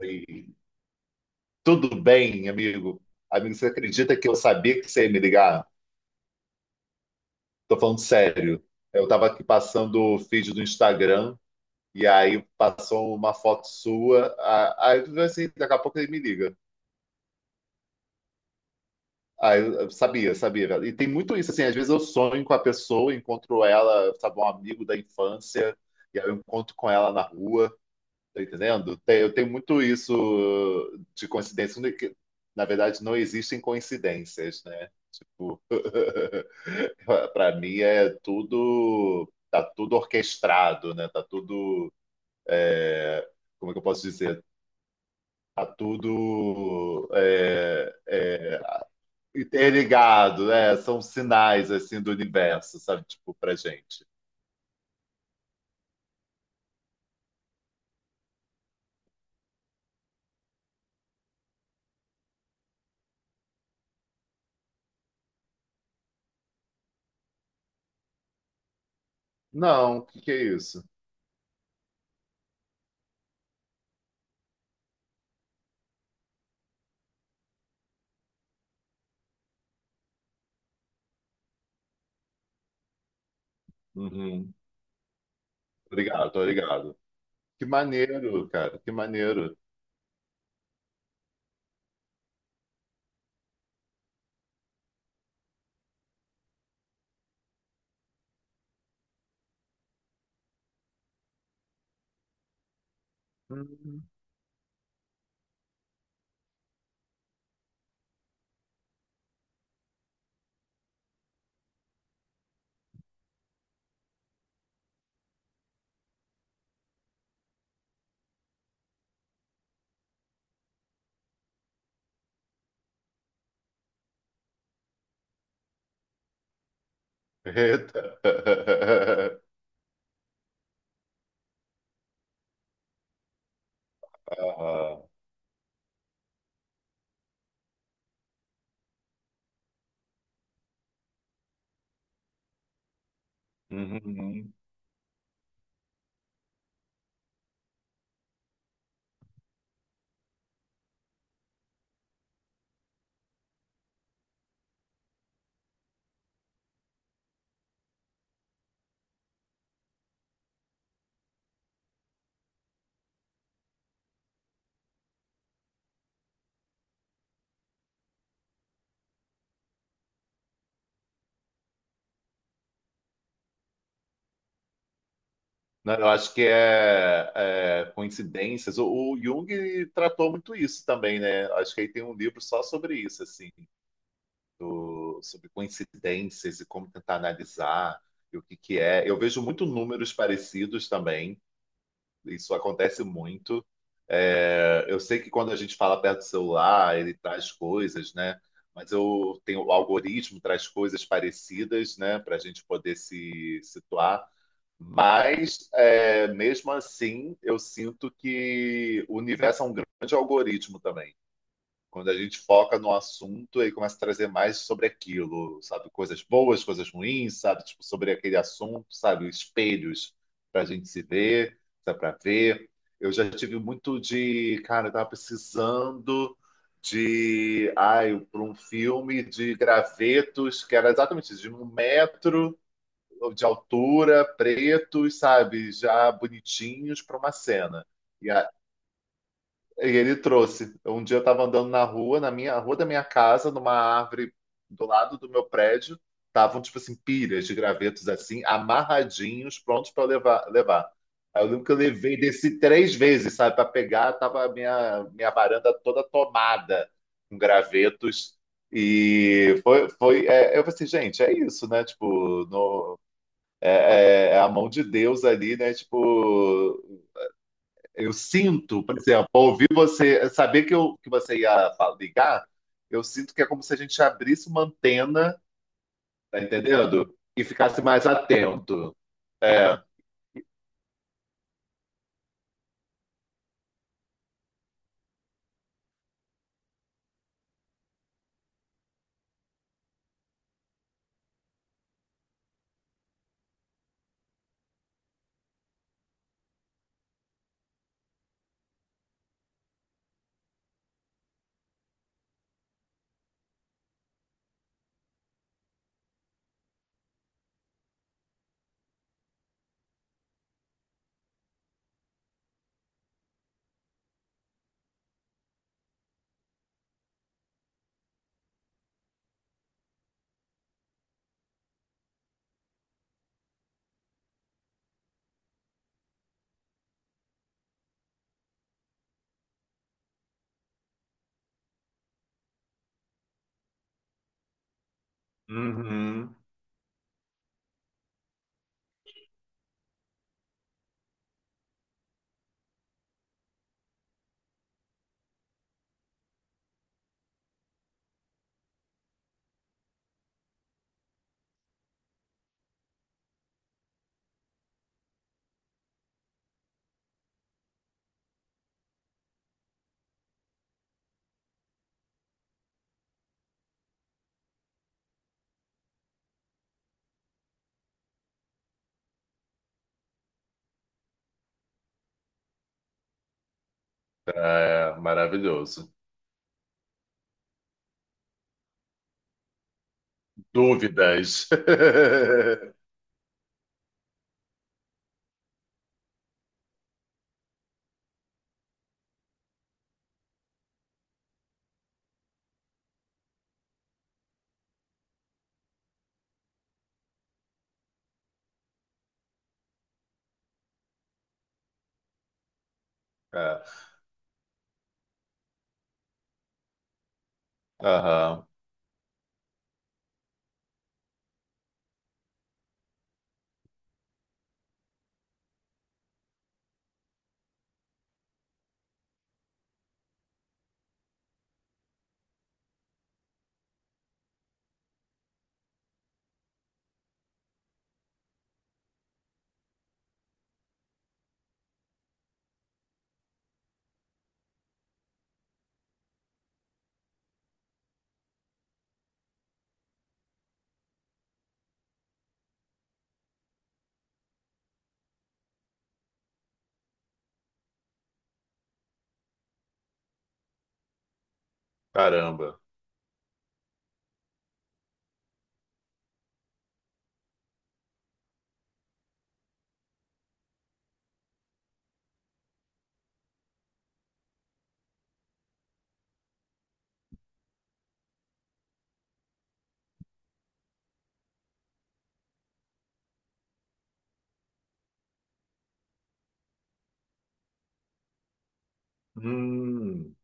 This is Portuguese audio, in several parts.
Oi, tudo bem, amigo? Amigo, você acredita que eu sabia que você ia me ligar? Tô falando sério. Eu tava aqui passando o feed do Instagram e aí passou uma foto sua. Aí eu falei assim, daqui a pouco ele me liga. Aí eu sabia, sabia, velho. E tem muito isso, assim, às vezes eu sonho com a pessoa, encontro ela, sabe, um amigo da infância, e aí eu encontro com ela na rua. Tá entendendo? Eu tenho muito isso de coincidência, que, na verdade não existem coincidências, né? Tipo, para mim é tudo, tá tudo orquestrado, né? Tá tudo, como é que eu posso dizer? Tá tudo interligado, né? São sinais assim do universo, sabe? Tipo, pra gente. Não, o que que é isso? Uhum. Obrigado, obrigado. Que maneiro, cara, que maneiro. Eita. Ah, uhum. Não, eu acho que é coincidências. O Jung tratou muito isso também, né? Acho que aí tem um livro só sobre isso, assim, sobre coincidências e como tentar analisar e o que que é. Eu vejo muito números parecidos também. Isso acontece muito. É, eu sei que quando a gente fala perto do celular, ele traz coisas, né? Mas eu tenho, o algoritmo traz coisas parecidas, né? Para a gente poder se situar. Mas, é, mesmo assim, eu sinto que o universo é um grande algoritmo também. Quando a gente foca no assunto e começa a trazer mais sobre aquilo, sabe? Coisas boas, coisas ruins, sabe? Tipo, sobre aquele assunto, sabe? Espelhos para a gente se ver, para ver. Eu já tive muito de, cara, eu tava precisando de, ai, para um filme de gravetos, que era exatamente isso, de um metro de altura, pretos, sabe, já bonitinhos para uma cena. E, a- e ele trouxe. Um dia eu estava andando na rua, na minha a rua da minha casa, numa árvore do lado do meu prédio, estavam tipo assim pilhas de gravetos assim, amarradinhos, prontos para levar, levar. Aí eu lembro que eu levei desci três vezes, sabe, para pegar, tava a minha varanda toda tomada com gravetos. E foi, foi, eu falei assim, gente, é isso, né? Tipo, no, é a mão de Deus ali, né? Tipo, eu sinto, por exemplo, ao ouvir você, saber que, eu, que você ligar, eu sinto que é como se a gente abrisse uma antena, tá entendendo? E ficasse mais atento. É. Uhum. É, maravilhoso. Dúvidas. É. Aham. Caramba. Hum.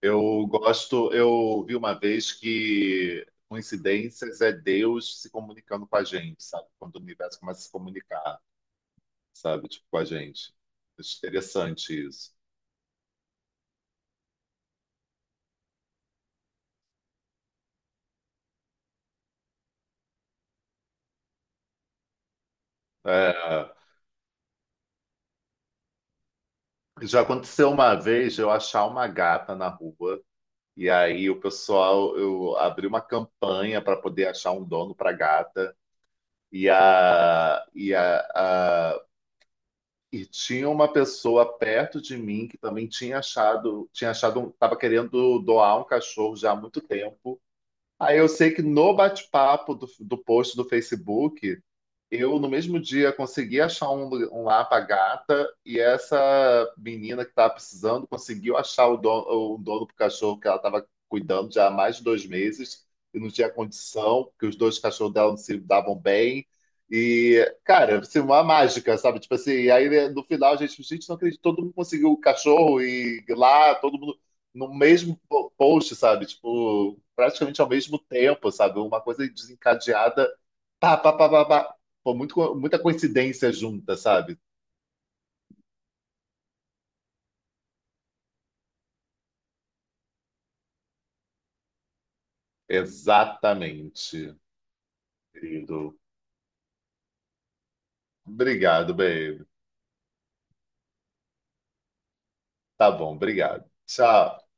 Eu gosto, eu vi uma vez que coincidências é Deus se comunicando com a gente, sabe? Quando o universo começa a se comunicar. Sabe? Tipo, com a gente. Interessante isso. É, já aconteceu uma vez eu achar uma gata na rua, e aí o pessoal, eu abri uma campanha para poder achar um dono para gata, e, a, e, a, a- e tinha uma pessoa perto de mim que também tinha achado, tava querendo doar um cachorro já há muito tempo. Aí eu sei que no bate-papo do post do Facebook, eu, no mesmo dia, consegui achar um, um Lapa Gata e essa menina que estava precisando conseguiu achar o dono pro cachorro que ela estava cuidando já há mais de dois meses e não tinha condição, porque os dois cachorros dela não se davam bem. E, cara, assim, uma mágica, sabe? Tipo assim, e aí né, no final a gente, gente, não acredito, todo mundo conseguiu o cachorro e lá, todo mundo no mesmo post, sabe? Tipo, praticamente ao mesmo tempo, sabe? Uma coisa desencadeada. Pá, pá, pá, pá, pá. Pô, muito, muita coincidência junta, sabe? Exatamente, querido. Obrigado, baby. Tá bom, obrigado. Tchau.